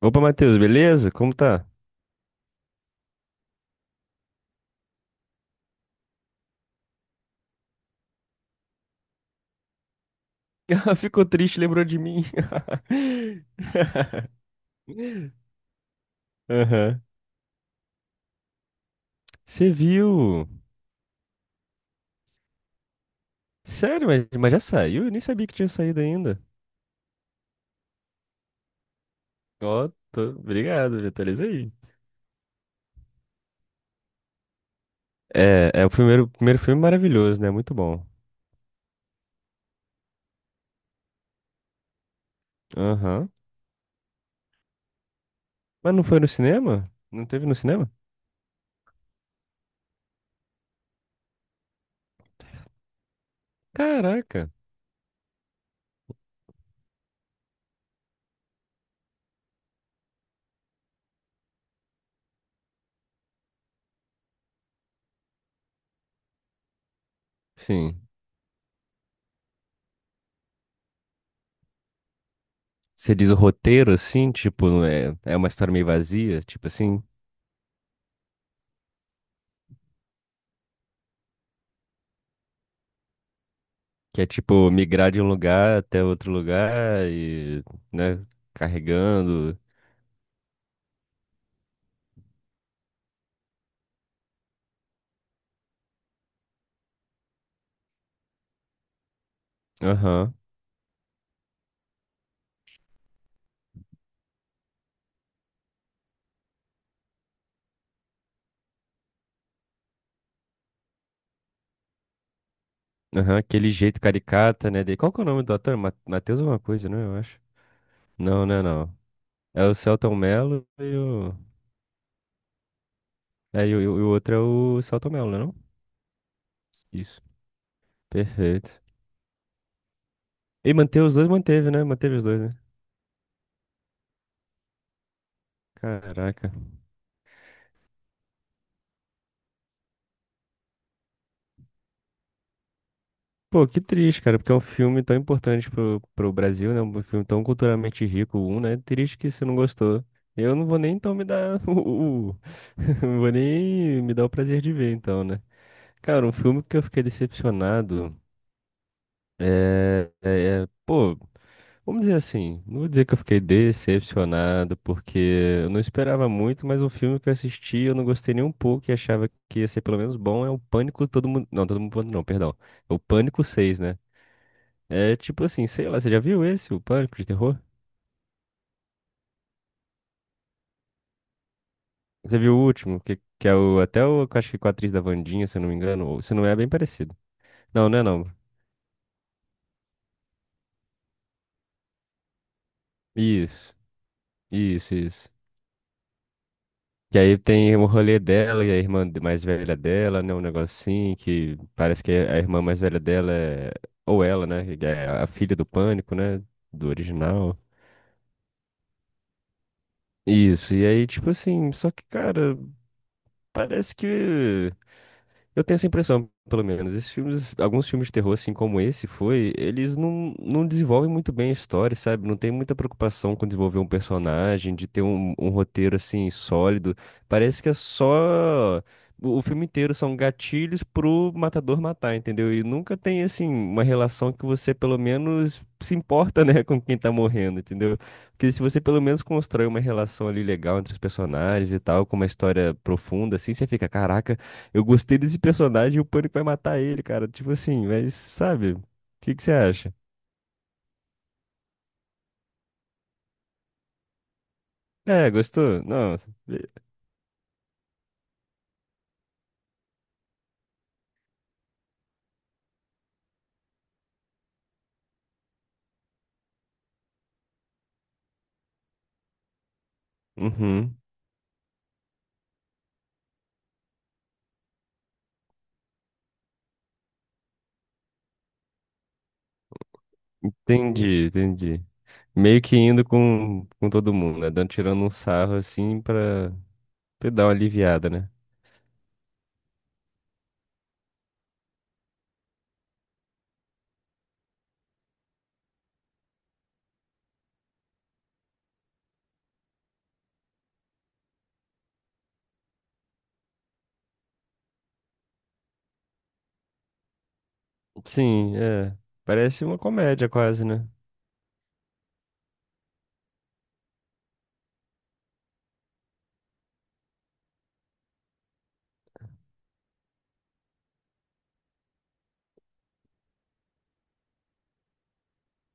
Opa, Matheus, beleza? Como tá? Ficou triste, lembrou de mim. Aham. Você viu? Sério, mas já saiu? Eu nem sabia que tinha saído ainda. Ó, tô obrigado, me aí. É o primeiro filme maravilhoso, né? Muito bom. Aham. Mas não foi no cinema? Não teve no cinema? Caraca. Sim. Você diz o roteiro, assim, tipo, é uma história meio vazia, tipo assim? Que é tipo migrar de um lugar até outro lugar e, né, carregando. Aham, aham, aquele jeito caricata, né, dele. Qual que é o nome do ator? Matheus alguma coisa, né? Eu acho. Não, não é não. É o Celton Mello e o. É, e o outro é o Celton Mello, né? Não? Isso. Perfeito. E manter os dois, manteve, né? Manteve os dois, né? Caraca. Pô, que triste, cara, porque é um filme tão importante pro Brasil, né? Um filme tão culturalmente rico, um, né? Triste que você não gostou. Eu não vou nem então me dar Não vou nem me dar o prazer de ver, então, né? Cara, um filme que eu fiquei decepcionado Pô, vamos dizer assim, não vou dizer que eu fiquei decepcionado, porque eu não esperava muito, mas um filme que eu assisti eu não gostei nem um pouco e achava que ia ser pelo menos bom é o Pânico Todo Mundo. Não, Todo Mundo Pânico não, perdão. É o Pânico seis, né? É tipo assim, sei lá, você já viu esse, o Pânico de Terror? Você viu o último, que é o, até o, que eu acho que com a atriz da Wandinha, se eu não me engano, ou se não é bem parecido. Não, não é não. Isso, isso, isso. Que aí tem o rolê dela e a irmã mais velha dela, né, um negocinho que parece que a irmã mais velha dela é, ou ela, né, que é a filha do Pânico, né, do original. Isso, e aí tipo assim, só que, cara, parece que. Eu tenho essa impressão, pelo menos. Esses filmes, alguns filmes de terror, assim como esse foi, eles não desenvolvem muito bem a história, sabe? Não tem muita preocupação com desenvolver um personagem, de ter um roteiro, assim, sólido. Parece que é só. O filme inteiro são gatilhos pro matador matar, entendeu? E nunca tem, assim, uma relação que você, pelo menos, se importa, né, com quem tá morrendo, entendeu? Porque se você, pelo menos, constrói uma relação ali legal entre os personagens e tal, com uma história profunda, assim, você fica, caraca. Eu gostei desse personagem e o Pânico vai matar ele, cara. Tipo assim, mas sabe? O que que você acha? É, gostou? Nossa. Uhum. Entendi, entendi. Meio que indo com todo mundo, né? Dando, tirando um sarro assim pra dar uma aliviada, né? Sim, é. Parece uma comédia quase, né?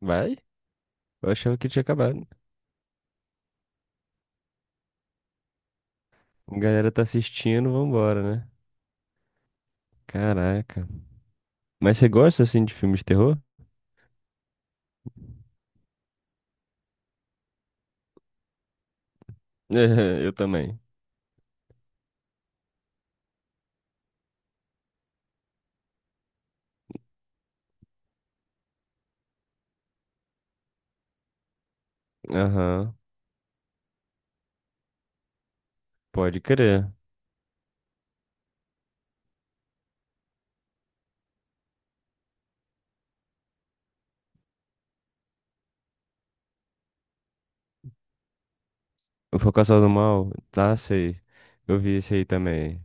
Vai? Eu achava que tinha acabado. A galera tá assistindo, vambora, né? Caraca. Mas você gosta assim de filmes de terror? É, eu também. Aham, pode crer. O Invocação do Mal, tá, sei. Eu vi isso aí também.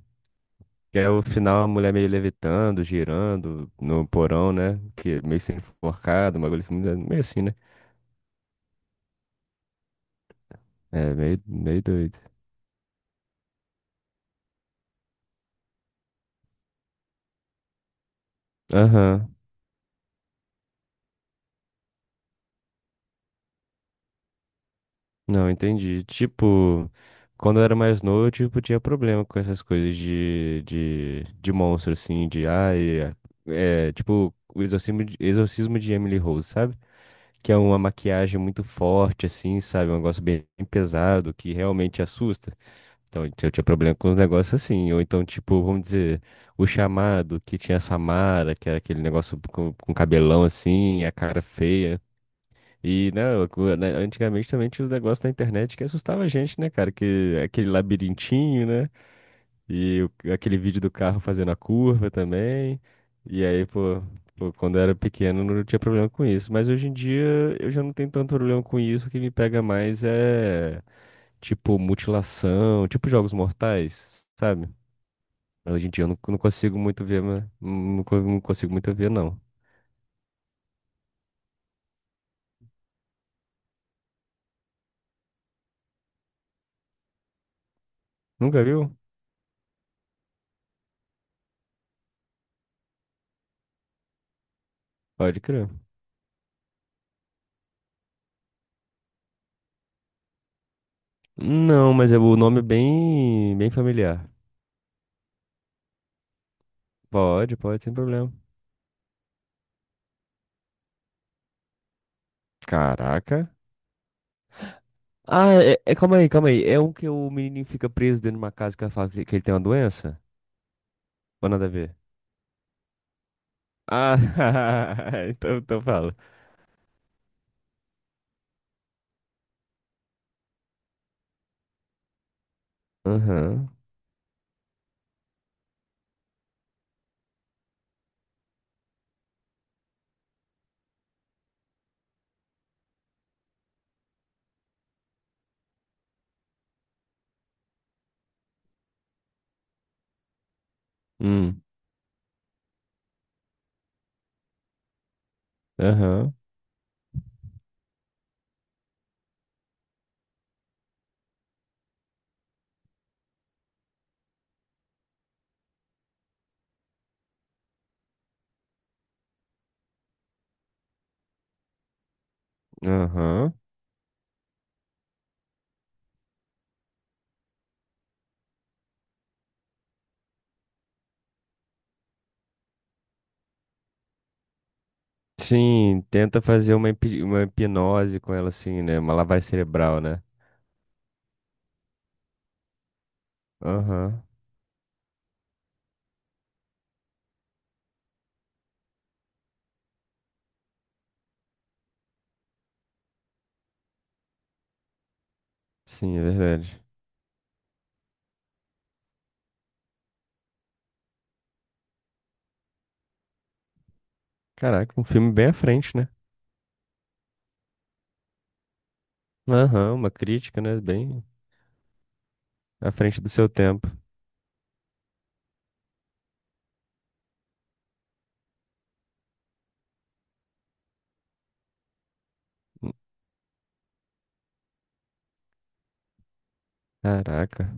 Que é o final, a mulher meio levitando, girando no porão, né? Que é meio sendo enforcada, uma coisa assim, meio assim, né? É, meio, meio doido. Aham. Não, entendi. Tipo, quando eu era mais novo, tipo, tinha problema com essas coisas de monstro, assim, de, ai, é, tipo, o exorcismo de Emily Rose, sabe? Que é uma maquiagem muito forte, assim, sabe? Um negócio bem pesado que realmente assusta. Então, eu tinha problema com os negócios assim. Ou então, tipo, vamos dizer, o chamado que tinha a Samara, que era aquele negócio com cabelão assim, a cara feia. E, né, né, antigamente também tinha os negócios na internet que assustava a gente, né, cara? Que aquele labirintinho, né? Aquele vídeo do carro fazendo a curva também. E aí, pô, quando eu era pequeno não tinha problema com isso. Mas hoje em dia eu já não tenho tanto problema com isso. O que me pega mais é tipo mutilação, tipo jogos mortais, sabe? Hoje em dia eu não consigo muito ver, mas não consigo muito ver, não. Nunca viu? Pode crer. Não, mas é o nome é bem, bem familiar. Pode, pode, sem problema. Caraca. Ah, calma aí, calma aí. É um que o menininho fica preso dentro de uma casa que ela fala que ele tem uma doença? Ou nada a ver? Ah, então fala. Aham. Hum. Aham. Aham. Sim, tenta fazer uma hipnose com ela, assim, né? Uma lavagem cerebral, né? Aham. Sim, é verdade. Caraca, um filme bem à frente, né? Aham, uma crítica, né? Bem à frente do seu tempo. Caraca,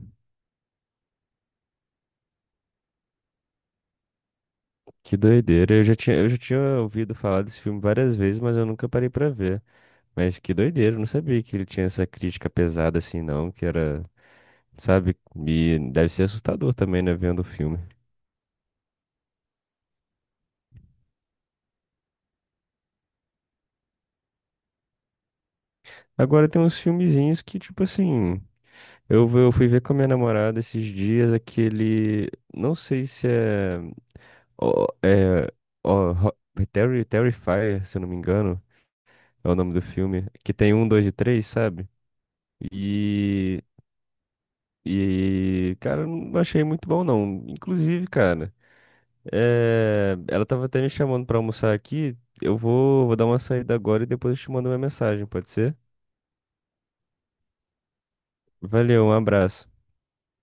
que doideira. Eu já tinha ouvido falar desse filme várias vezes, mas eu nunca parei pra ver. Mas que doideira, eu não sabia que ele tinha essa crítica pesada assim, não, que era, sabe? E deve ser assustador também, né, vendo o filme. Agora tem uns filmezinhos que, tipo assim. Eu fui ver com a minha namorada esses dias aquele. Não sei se é. ó, é ó, Ro- Terrifier, se eu não me engano, é o nome do filme. Que tem um, dois e três, sabe? E. Cara, eu não achei muito bom, não. Inclusive, cara, é, ela tava até me chamando pra almoçar aqui. Eu vou dar uma saída agora e depois eu te mando uma mensagem, pode ser? Valeu, um abraço.